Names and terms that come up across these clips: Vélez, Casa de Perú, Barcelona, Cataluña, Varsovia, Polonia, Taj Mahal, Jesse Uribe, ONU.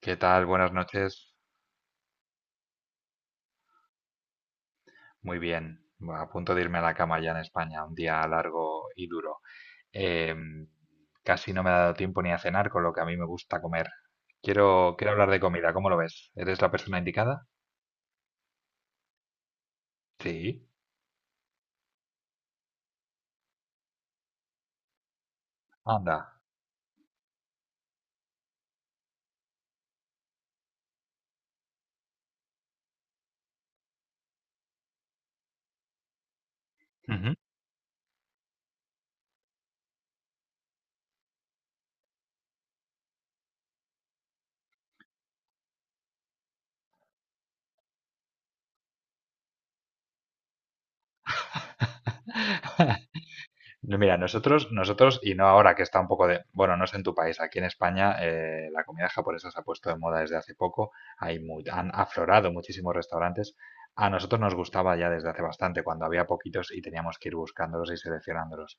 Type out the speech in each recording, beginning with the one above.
¿Qué tal? Buenas noches. Muy bien. A punto de irme a la cama ya en España. Un día largo y duro. Em, Casi no me ha dado tiempo ni a cenar, con lo que a mí me gusta comer. Quiero hablar de comida. ¿Cómo lo ves? ¿Eres la persona indicada? Sí. Anda. Ujú. No, mira, nosotros, y no ahora que está un poco de, bueno, no sé en tu país, aquí en España la comida japonesa se ha puesto de moda desde hace poco, han aflorado muchísimos restaurantes. A nosotros nos gustaba ya desde hace bastante, cuando había poquitos y teníamos que ir buscándolos y seleccionándolos.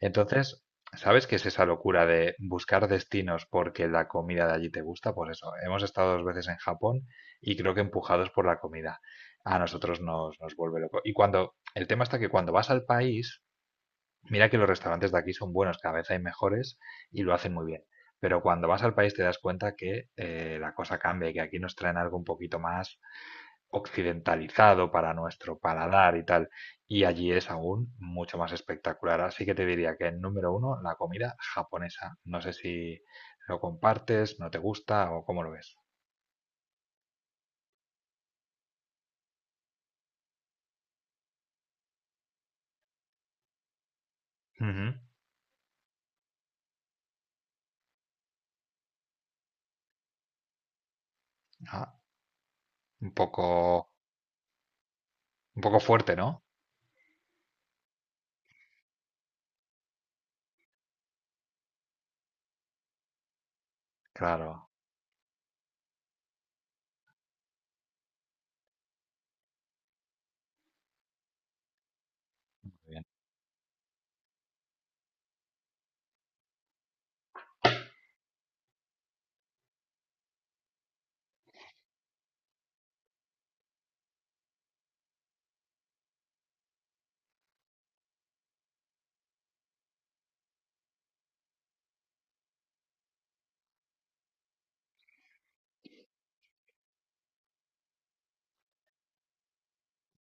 Entonces, ¿sabes qué es esa locura de buscar destinos porque la comida de allí te gusta? Pues eso, hemos estado dos veces en Japón y creo que empujados por la comida. A nosotros nos vuelve loco. Y cuando, el tema está que cuando vas al país, mira que los restaurantes de aquí son buenos, cada vez hay mejores y lo hacen muy bien. Pero cuando vas al país te das cuenta que la cosa cambia y que aquí nos traen algo un poquito más occidentalizado para nuestro paladar y tal. Y allí es aún mucho más espectacular. Así que te diría que en número uno, la comida japonesa. No sé si lo compartes, no te gusta o cómo lo ves. Ujú. Ah, un poco, un poco fuerte, ¿no? Claro. Muy bien.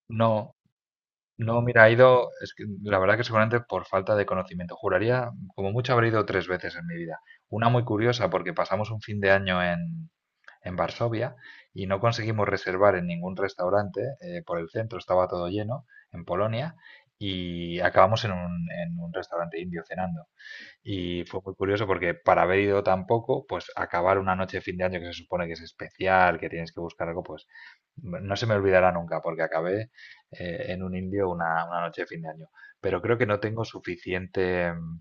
No. No, mira, ha ido, es que la verdad que seguramente por falta de conocimiento. Juraría, como mucho, habré ido tres veces en mi vida. Una muy curiosa porque pasamos un fin de año en Varsovia y no conseguimos reservar en ningún restaurante por el centro, estaba todo lleno en Polonia y acabamos en un restaurante indio cenando. Y fue muy curioso porque para haber ido tan poco, pues acabar una noche de fin de año que se supone que es especial, que tienes que buscar algo, no se me olvidará nunca porque acabé en un indio una noche de fin de año. Pero creo que no tengo suficiente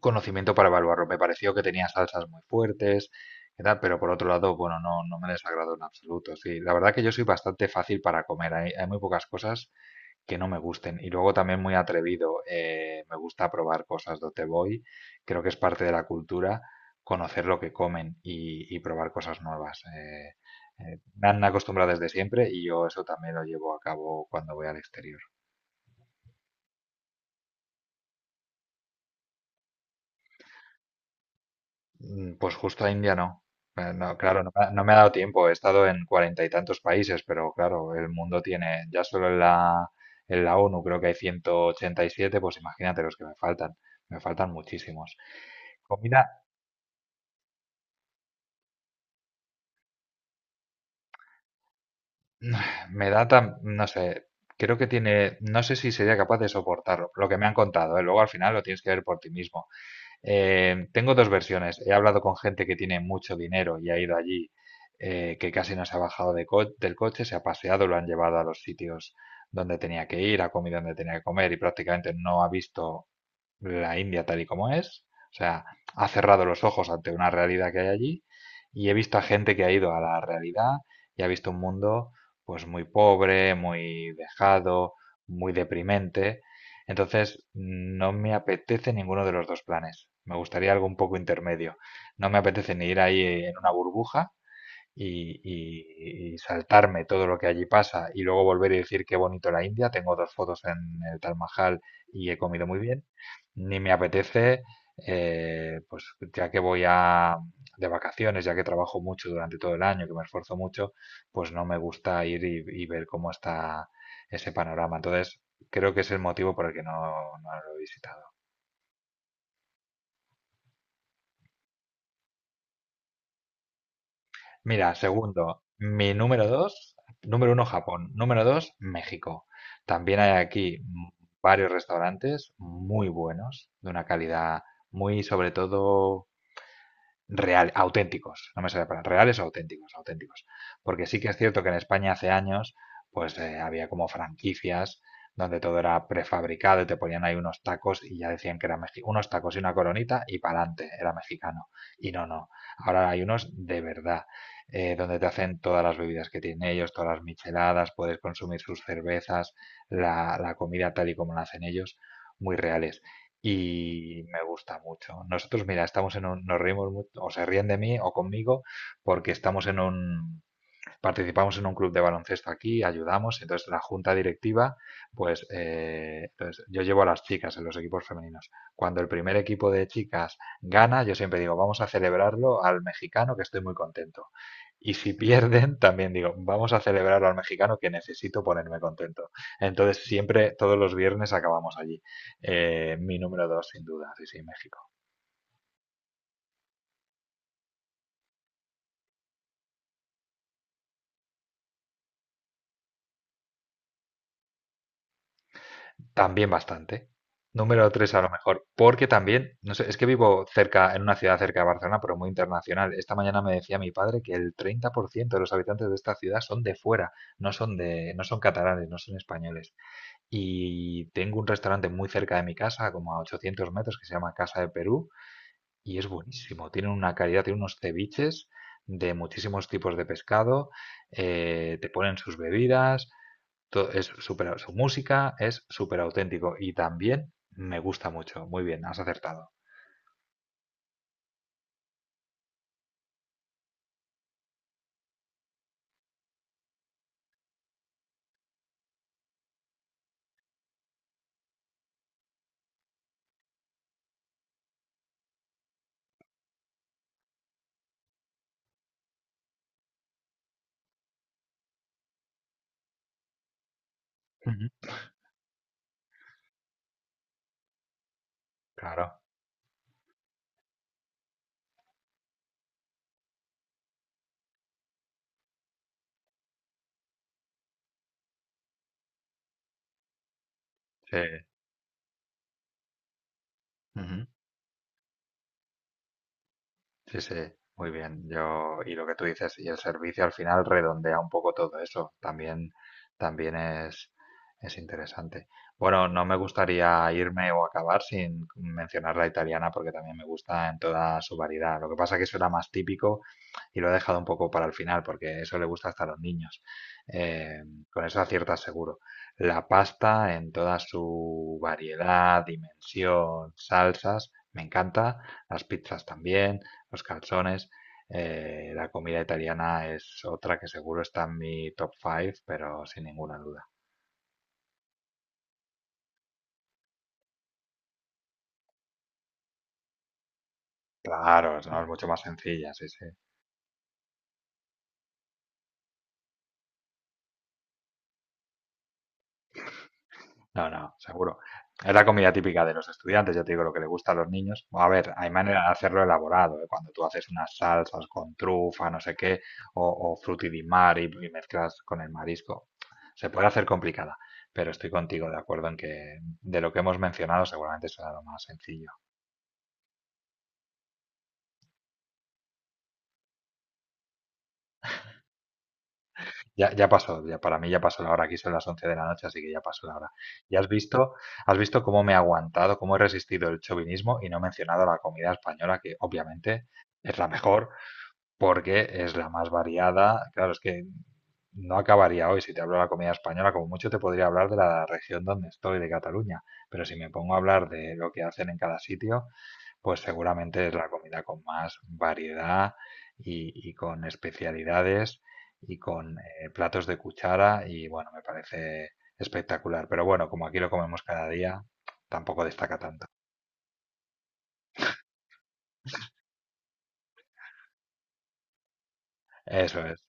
conocimiento para evaluarlo. Me pareció que tenía salsas muy fuertes, y tal, pero por otro lado, bueno, no, no me desagradó en absoluto. Sí, la verdad que yo soy bastante fácil para comer. Hay muy pocas cosas que no me gusten. Y luego también muy atrevido, me gusta probar cosas donde voy, creo que es parte de la cultura conocer lo que comen y probar cosas nuevas. Me han acostumbrado desde siempre y yo eso también lo llevo a cabo cuando voy al exterior. Pues justo a India no. No, claro, no, me ha no me ha dado tiempo. He estado en 40 y tantos países, pero claro, el mundo tiene, ya solo en la ONU creo que hay 187, pues imagínate los que me faltan. Me faltan muchísimos. Comida. Me da tan, no sé, creo que tiene, no sé si sería capaz de soportarlo, lo que me han contado, ¿eh? Luego al final lo tienes que ver por ti mismo. Tengo dos versiones, he hablado con gente que tiene mucho dinero y ha ido allí, que casi no se ha del coche, se ha paseado, lo han llevado a los sitios donde tenía que ir, ha comido donde tenía que comer y prácticamente no ha visto la India tal y como es, o sea, ha cerrado los ojos ante una realidad que hay allí y he visto a gente que ha ido a la realidad y ha visto un mundo pues muy pobre, muy dejado, muy deprimente. Entonces, no me apetece ninguno de los dos planes. Me gustaría algo un poco intermedio. No me apetece ni ir ahí en una burbuja, y saltarme todo lo que allí pasa y luego volver y decir qué bonito la India. Tengo dos fotos en el Taj Mahal y he comido muy bien. Ni me apetece, pues ya que voy a de vacaciones, ya que trabajo mucho durante todo el año, que me esfuerzo mucho, pues no me gusta ir y ver cómo está ese panorama. Entonces, creo que es el motivo por el que no, no lo he visitado. Mira, segundo, mi número dos, número uno Japón, número dos México. También hay aquí varios restaurantes muy buenos, de una calidad muy, sobre todo, real, auténticos, no me sale para reales o auténticos, auténticos. Porque sí que es cierto que en España hace años había como franquicias donde todo era prefabricado y te ponían ahí unos tacos y ya decían que unos tacos y una coronita y para adelante, era mexicano. Y no, no. Ahora hay unos de verdad, donde te hacen todas las bebidas que tienen ellos, todas las micheladas, puedes consumir sus cervezas, la comida tal y como la hacen ellos, muy reales y me gusta mucho. Nosotros, mira, estamos en un, nos reímos mucho, o se ríen de mí o conmigo, porque estamos en un, participamos en un club de baloncesto aquí, ayudamos, entonces la junta directiva, entonces yo llevo a las chicas en los equipos femeninos. Cuando el primer equipo de chicas gana, yo siempre digo, vamos a celebrarlo al mexicano que estoy muy contento. Y si pierden, también digo, vamos a celebrarlo al mexicano que necesito ponerme contento. Entonces siempre, todos los viernes acabamos allí. Mi número dos, sin duda, sí, sí, México. También bastante. Número 3 a lo mejor, porque también, no sé, es que vivo cerca, en una ciudad cerca de Barcelona, pero muy internacional. Esta mañana me decía mi padre que el 30% de los habitantes de esta ciudad son de fuera, no son de, no son catalanes, no son españoles. Y tengo un restaurante muy cerca de mi casa, como a 800 metros, que se llama Casa de Perú, y es buenísimo. Tienen una calidad, tienen unos ceviches de muchísimos tipos de pescado, te ponen sus bebidas, todo es súper, su música es súper auténtico y también me gusta mucho. Muy bien, has acertado. Ujú. Claro, sí. Ujú. Sí, sí, muy bien. Yo, y lo que tú dices, y el servicio al final redondea un poco todo eso. También, también es interesante. Bueno, no me gustaría irme o acabar sin mencionar la italiana porque también me gusta en toda su variedad. Lo que pasa que eso era más típico y lo he dejado un poco para el final porque eso le gusta hasta a los niños. Eh, con eso aciertas seguro. La pasta en toda su variedad, dimensión, salsas, me encanta. Las pizzas también los calzones. La comida italiana es otra que seguro está en mi top 5, pero sin ninguna duda. Claro, es- no, es mucho más sencilla, sí, sí. No, no, seguro. Es la comida típica de los estudiantes, yo te digo lo que le gusta a los niños. A ver, hay manera de hacerlo elaborado, ¿eh? Cuando tú haces unas salsas con trufa, no sé qué, o frutti di mare y mezclas con el marisco. Se puede hacer complicada, pero estoy contigo de acuerdo en que de lo que hemos mencionado seguramente será lo más sencillo. Ya, ya pasó, ya, para mí ya pasó la hora, aquí son las 11 de la noche, así que ya pasó la hora. Ya has visto cómo me he aguantado, cómo he resistido el chauvinismo y no he mencionado la comida española, que obviamente es la mejor porque es la más variada. Claro, es que no acabaría hoy si te hablo de la comida española, como mucho te podría hablar de la región donde estoy, de Cataluña, pero si me pongo a hablar de lo que hacen en cada sitio, pues seguramente es la comida con más variedad y con especialidades y con platos de cuchara y bueno, me parece espectacular. Pero bueno, como aquí lo comemos cada día, tampoco destaca tanto. Eso es.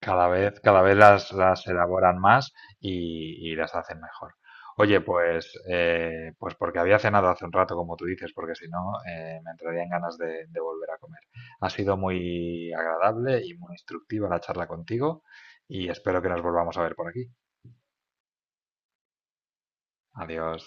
Cada vez las elaboran más y las hacen mejor. Oye, pues, pues porque había cenado hace un rato, como tú dices, porque si no, me entrarían ganas de volver a comer. Ha sido muy agradable y muy instructiva la charla contigo y espero que nos volvamos a ver por aquí. Adiós.